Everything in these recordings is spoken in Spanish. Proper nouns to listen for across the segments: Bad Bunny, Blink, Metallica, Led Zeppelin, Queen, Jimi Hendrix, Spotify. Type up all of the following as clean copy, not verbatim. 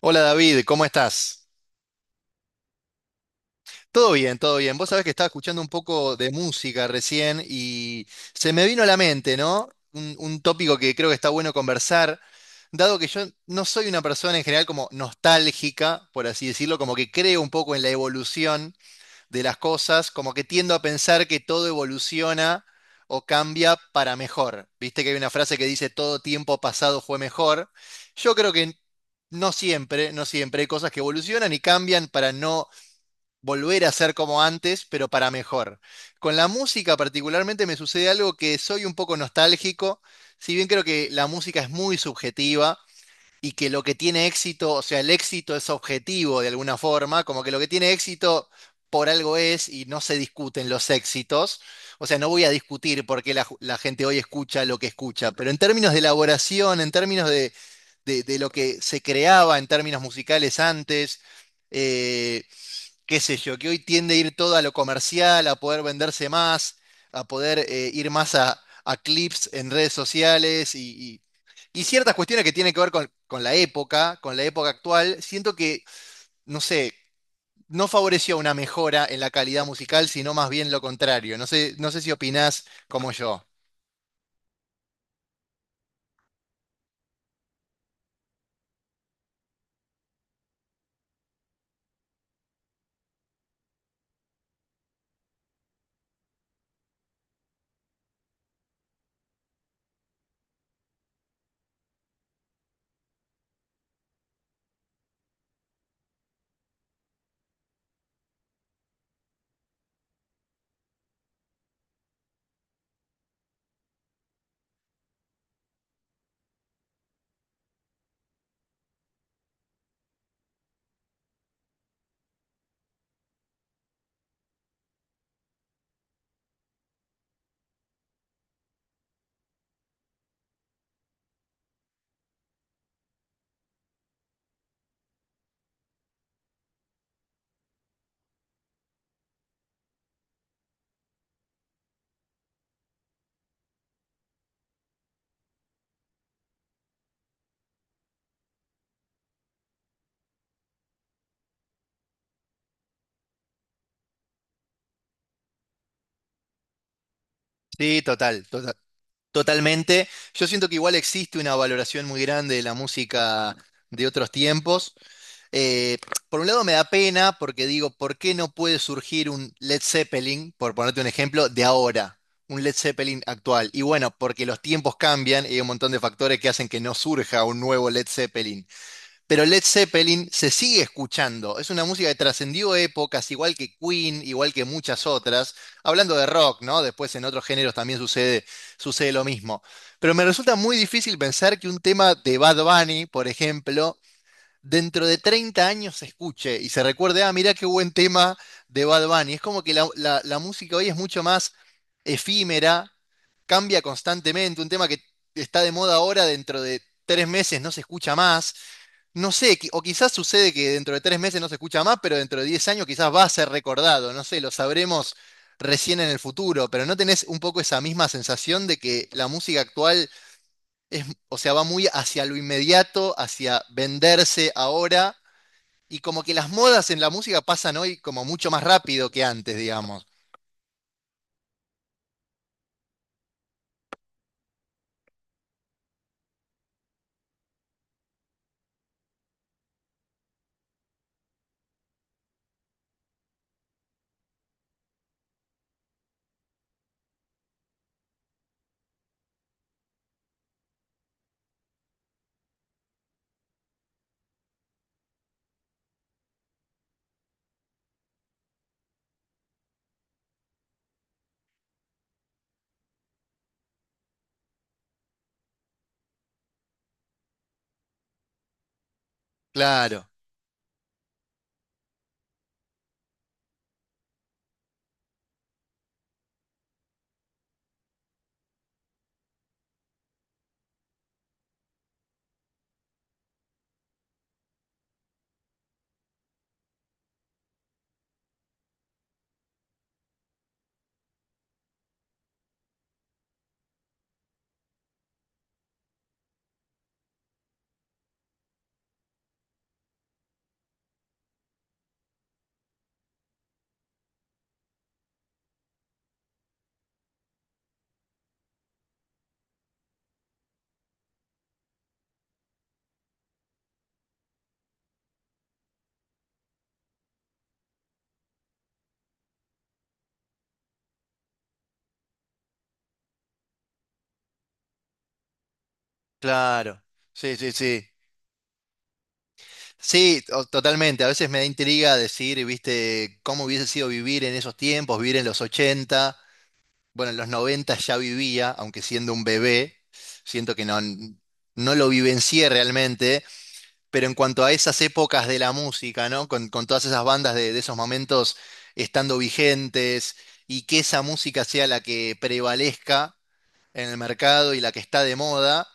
Hola David, ¿cómo estás? Todo bien, todo bien. Vos sabés que estaba escuchando un poco de música recién y se me vino a la mente, ¿no? Un tópico que creo que está bueno conversar, dado que yo no soy una persona en general como nostálgica, por así decirlo, como que creo un poco en la evolución de las cosas, como que tiendo a pensar que todo evoluciona o cambia para mejor. Viste que hay una frase que dice todo tiempo pasado fue mejor. Yo creo que no siempre, no siempre hay cosas que evolucionan y cambian para no volver a ser como antes, pero para mejor. Con la música particularmente me sucede algo que soy un poco nostálgico, si bien creo que la música es muy subjetiva y que lo que tiene éxito, o sea, el éxito es objetivo de alguna forma, como que lo que tiene éxito por algo es y no se discuten los éxitos. O sea, no voy a discutir por qué la gente hoy escucha lo que escucha, pero en términos de elaboración, en términos de lo que se creaba en términos musicales antes, eh, qué sé yo, que hoy tiende a ir todo a lo comercial, a poder venderse más, a poder ir más a clips en redes sociales y ciertas cuestiones que tienen que ver con la época actual, siento que, no sé, no favoreció una mejora en la calidad musical, sino más bien lo contrario. No sé, no sé si opinás como yo. Sí, total, totalmente. Yo siento que igual existe una valoración muy grande de la música de otros tiempos. Eh, por un lado me da pena porque digo, ¿por qué no puede surgir un Led Zeppelin, por ponerte un ejemplo, de ahora? Un Led Zeppelin actual. Y bueno, porque los tiempos cambian y hay un montón de factores que hacen que no surja un nuevo Led Zeppelin. Pero Led Zeppelin se sigue escuchando. Es una música que trascendió épocas, igual que Queen, igual que muchas otras. Hablando de rock, ¿no? Después en otros géneros también sucede, sucede lo mismo. Pero me resulta muy difícil pensar que un tema de Bad Bunny, por ejemplo, dentro de 30 años se escuche y se recuerde, ah, mirá qué buen tema de Bad Bunny. Es como que la música hoy es mucho más efímera, cambia constantemente, un tema que está de moda ahora dentro de 3 meses no se escucha más. No sé, o quizás sucede que dentro de 3 meses no se escucha más, pero dentro de 10 años quizás va a ser recordado, no sé, lo sabremos recién en el futuro, pero ¿no tenés un poco esa misma sensación de que la música actual es, o sea, va muy hacia lo inmediato, hacia venderse ahora? Y como que las modas en la música pasan hoy como mucho más rápido que antes, digamos. Claro, claro. Sí, sí, sí. Sí, totalmente. A veces me da intriga decir, viste, cómo hubiese sido vivir en esos tiempos, vivir en los ochenta. Bueno, en los 90 ya vivía, aunque siendo un bebé, siento que no, no lo vivencié realmente. Pero en cuanto a esas épocas de la música, ¿no? Con todas esas bandas de esos momentos estando vigentes y que esa música sea la que prevalezca en el mercado y la que está de moda.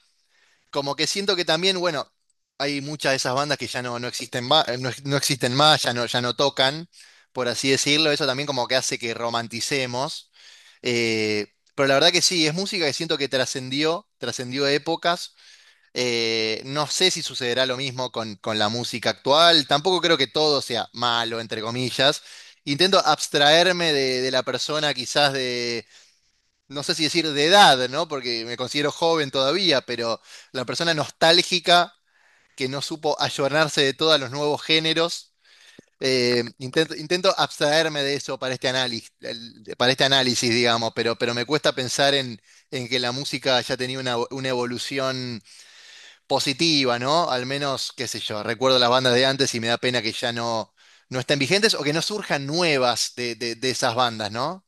Como que siento que también, bueno, hay muchas de esas bandas que ya no, no existen, no existen más, ya no, ya no tocan, por así decirlo. Eso también como que hace que romanticemos. Eh, pero la verdad que sí, es música que siento que trascendió, trascendió épocas. No sé si sucederá lo mismo con la música actual. Tampoco creo que todo sea malo, entre comillas. Intento abstraerme de la persona quizás no sé si decir de edad, ¿no? Porque me considero joven todavía, pero la persona nostálgica que no supo ayornarse de todos los nuevos géneros. Intento abstraerme de eso para este análisis, digamos, pero me cuesta pensar en que la música haya tenido una evolución positiva, ¿no? Al menos, qué sé yo, recuerdo las bandas de antes y me da pena que ya no, no estén vigentes o que no surjan nuevas de esas bandas, ¿no?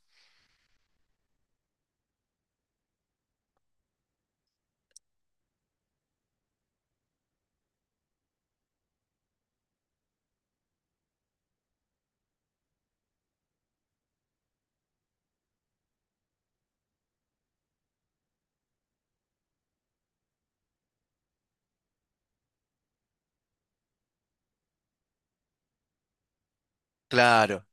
Claro,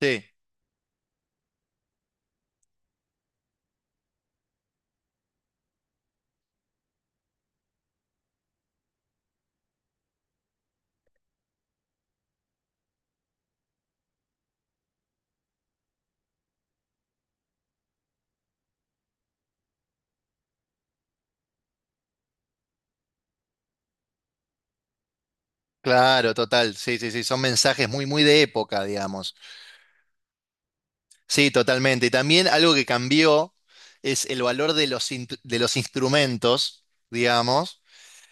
sí. Claro, total, sí, sí, sí, son mensajes muy, muy de época, digamos. Sí, totalmente. Y también algo que cambió es el valor de los, de los instrumentos, digamos.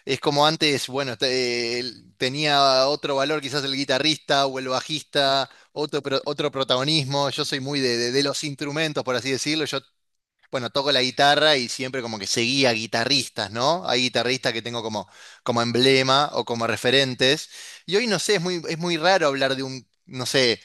Es como antes, bueno, tenía otro valor quizás el guitarrista o el bajista, otro, otro protagonismo. Yo soy muy de, de los instrumentos, por así decirlo. Yo bueno, toco la guitarra y siempre como que seguía guitarristas, ¿no? Hay guitarristas que tengo como, como emblema o como referentes. Y hoy no sé, es muy raro hablar de un, no sé,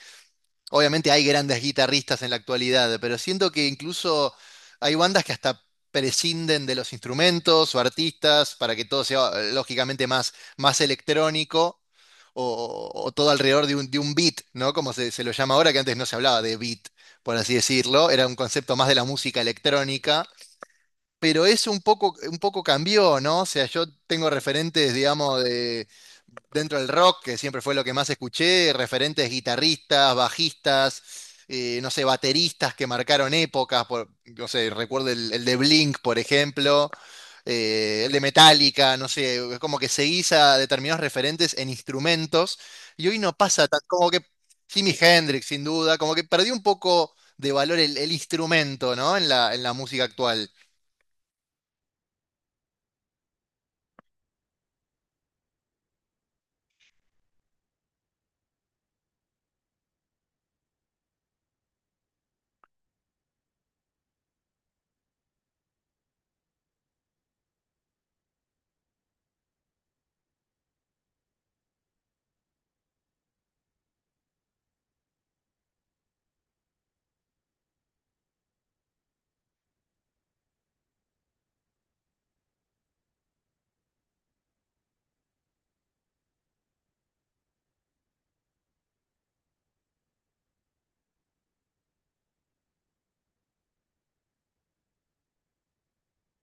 obviamente hay grandes guitarristas en la actualidad, pero siento que incluso hay bandas que hasta prescinden de los instrumentos o artistas para que todo sea lógicamente más, más electrónico o, o todo alrededor de un beat, ¿no? Como se lo llama ahora, que antes no se hablaba de beat, por así decirlo, era un concepto más de la música electrónica, pero eso un poco cambió, ¿no? O sea, yo tengo referentes, digamos, de dentro del rock, que siempre fue lo que más escuché, referentes guitarristas, bajistas, no sé, bateristas que marcaron épocas, no sé, recuerdo el de Blink, por ejemplo, el de Metallica, no sé, es como que seguís a determinados referentes en instrumentos, y hoy no pasa tan, como que Jimi Hendrix, sin duda, como que perdió un poco de valor el instrumento, ¿no? En en la música actual.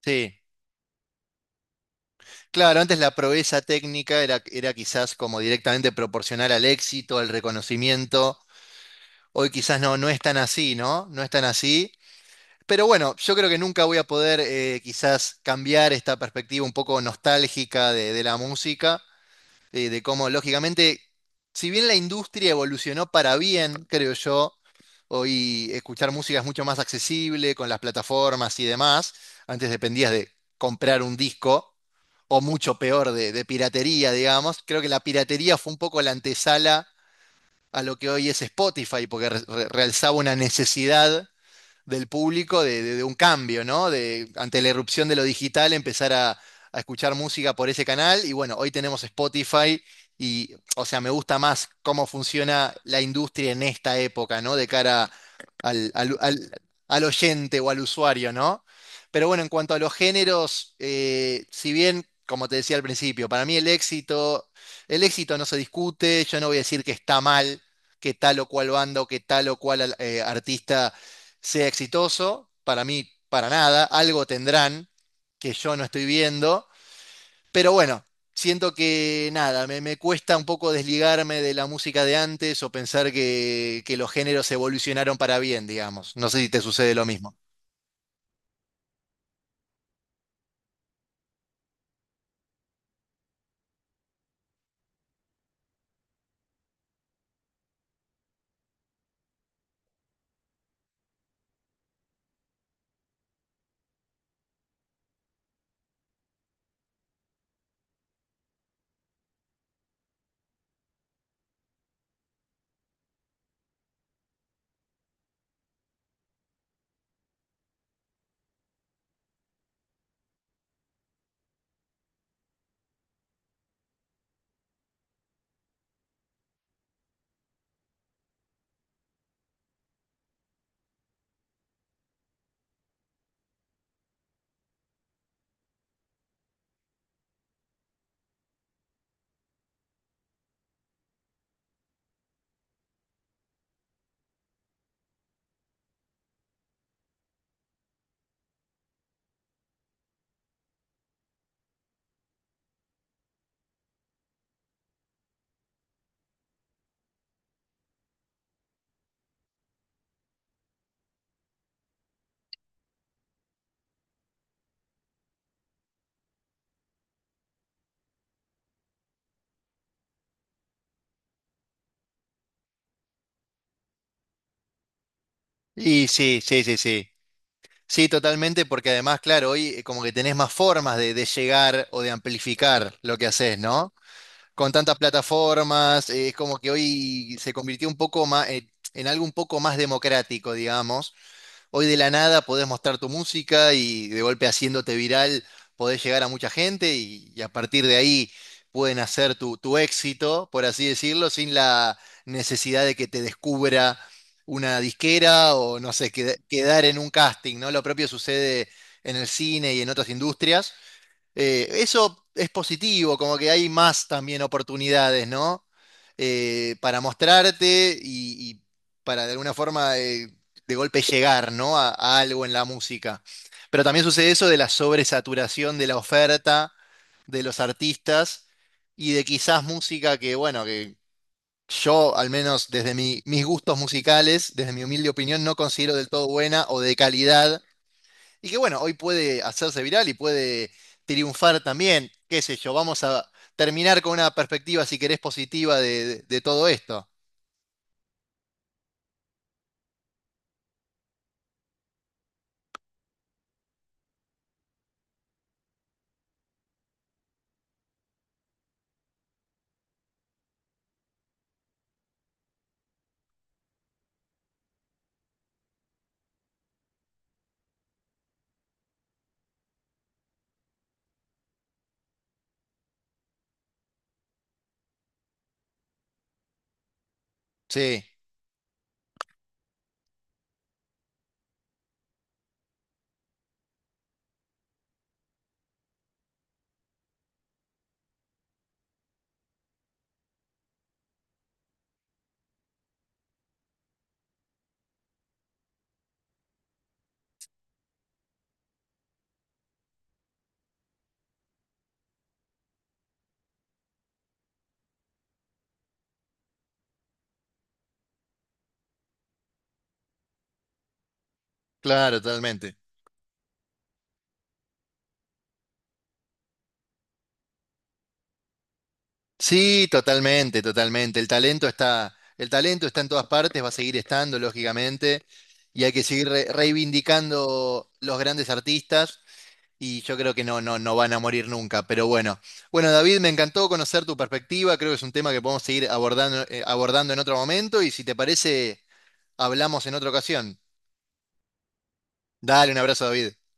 Sí. Claro, antes la proeza técnica era, era quizás como directamente proporcional al éxito, al reconocimiento. Hoy quizás no, no es tan así, ¿no? No es tan así. Pero bueno, yo creo que nunca voy a poder quizás cambiar esta perspectiva un poco nostálgica de la música, de cómo, lógicamente, si bien la industria evolucionó para bien, creo yo, hoy escuchar música es mucho más accesible con las plataformas y demás, antes dependías de comprar un disco, o mucho peor, de piratería, digamos, creo que la piratería fue un poco la antesala a lo que hoy es Spotify, porque realzaba una necesidad del público de, de un cambio, ¿no? De, ante la irrupción de lo digital, empezar a escuchar música por ese canal. Y bueno, hoy tenemos Spotify y, o sea, me gusta más cómo funciona la industria en esta época, ¿no? De cara al, al- al- al oyente o al usuario, ¿no? Pero bueno, en cuanto a los géneros, si bien, como te decía al principio, para mí el éxito no se discute, yo no voy a decir que está mal, que tal o cual banda o que tal o cual artista sea exitoso. Para mí, para nada. Algo tendrán que yo no estoy viendo. Pero bueno, siento que nada, me cuesta un poco desligarme de la música de antes o pensar que los géneros evolucionaron para bien, digamos. No sé si te sucede lo mismo. Y sí, sí, sí, sí. Sí, totalmente, porque además, claro, hoy como que tenés más formas de llegar o de amplificar lo que haces, ¿no? Con tantas plataformas, es como que hoy se convirtió un poco más, en algo un poco más democrático, digamos. Hoy de la nada podés mostrar tu música y de golpe haciéndote viral podés llegar a mucha gente y a partir de ahí pueden hacer tu, tu éxito, por así decirlo, sin la necesidad de que te descubra una disquera o no sé, quedar en un casting, ¿no? Lo propio sucede en el cine y en otras industrias, eso es positivo, como que hay más también oportunidades, ¿no? Para mostrarte y para de alguna forma de golpe llegar, ¿no? A algo en la música. Pero también sucede eso de la sobresaturación de la oferta de los artistas y de quizás música que, bueno, que yo, al menos desde mis gustos musicales, desde mi humilde opinión, no considero del todo buena o de calidad y que bueno, hoy puede hacerse viral y puede triunfar también, qué sé yo, vamos a terminar con una perspectiva, si querés, positiva de, de todo esto. Sí, claro, totalmente. Sí, totalmente, totalmente. El talento está en todas partes, va a seguir estando, lógicamente, y hay que seguir reivindicando los grandes artistas, y yo creo que no, no, no van a morir nunca, pero bueno. Bueno, David, me encantó conocer tu perspectiva, creo que es un tema que podemos seguir abordando, abordando en otro momento, y si te parece... Hablamos en otra ocasión. Dale un abrazo, David.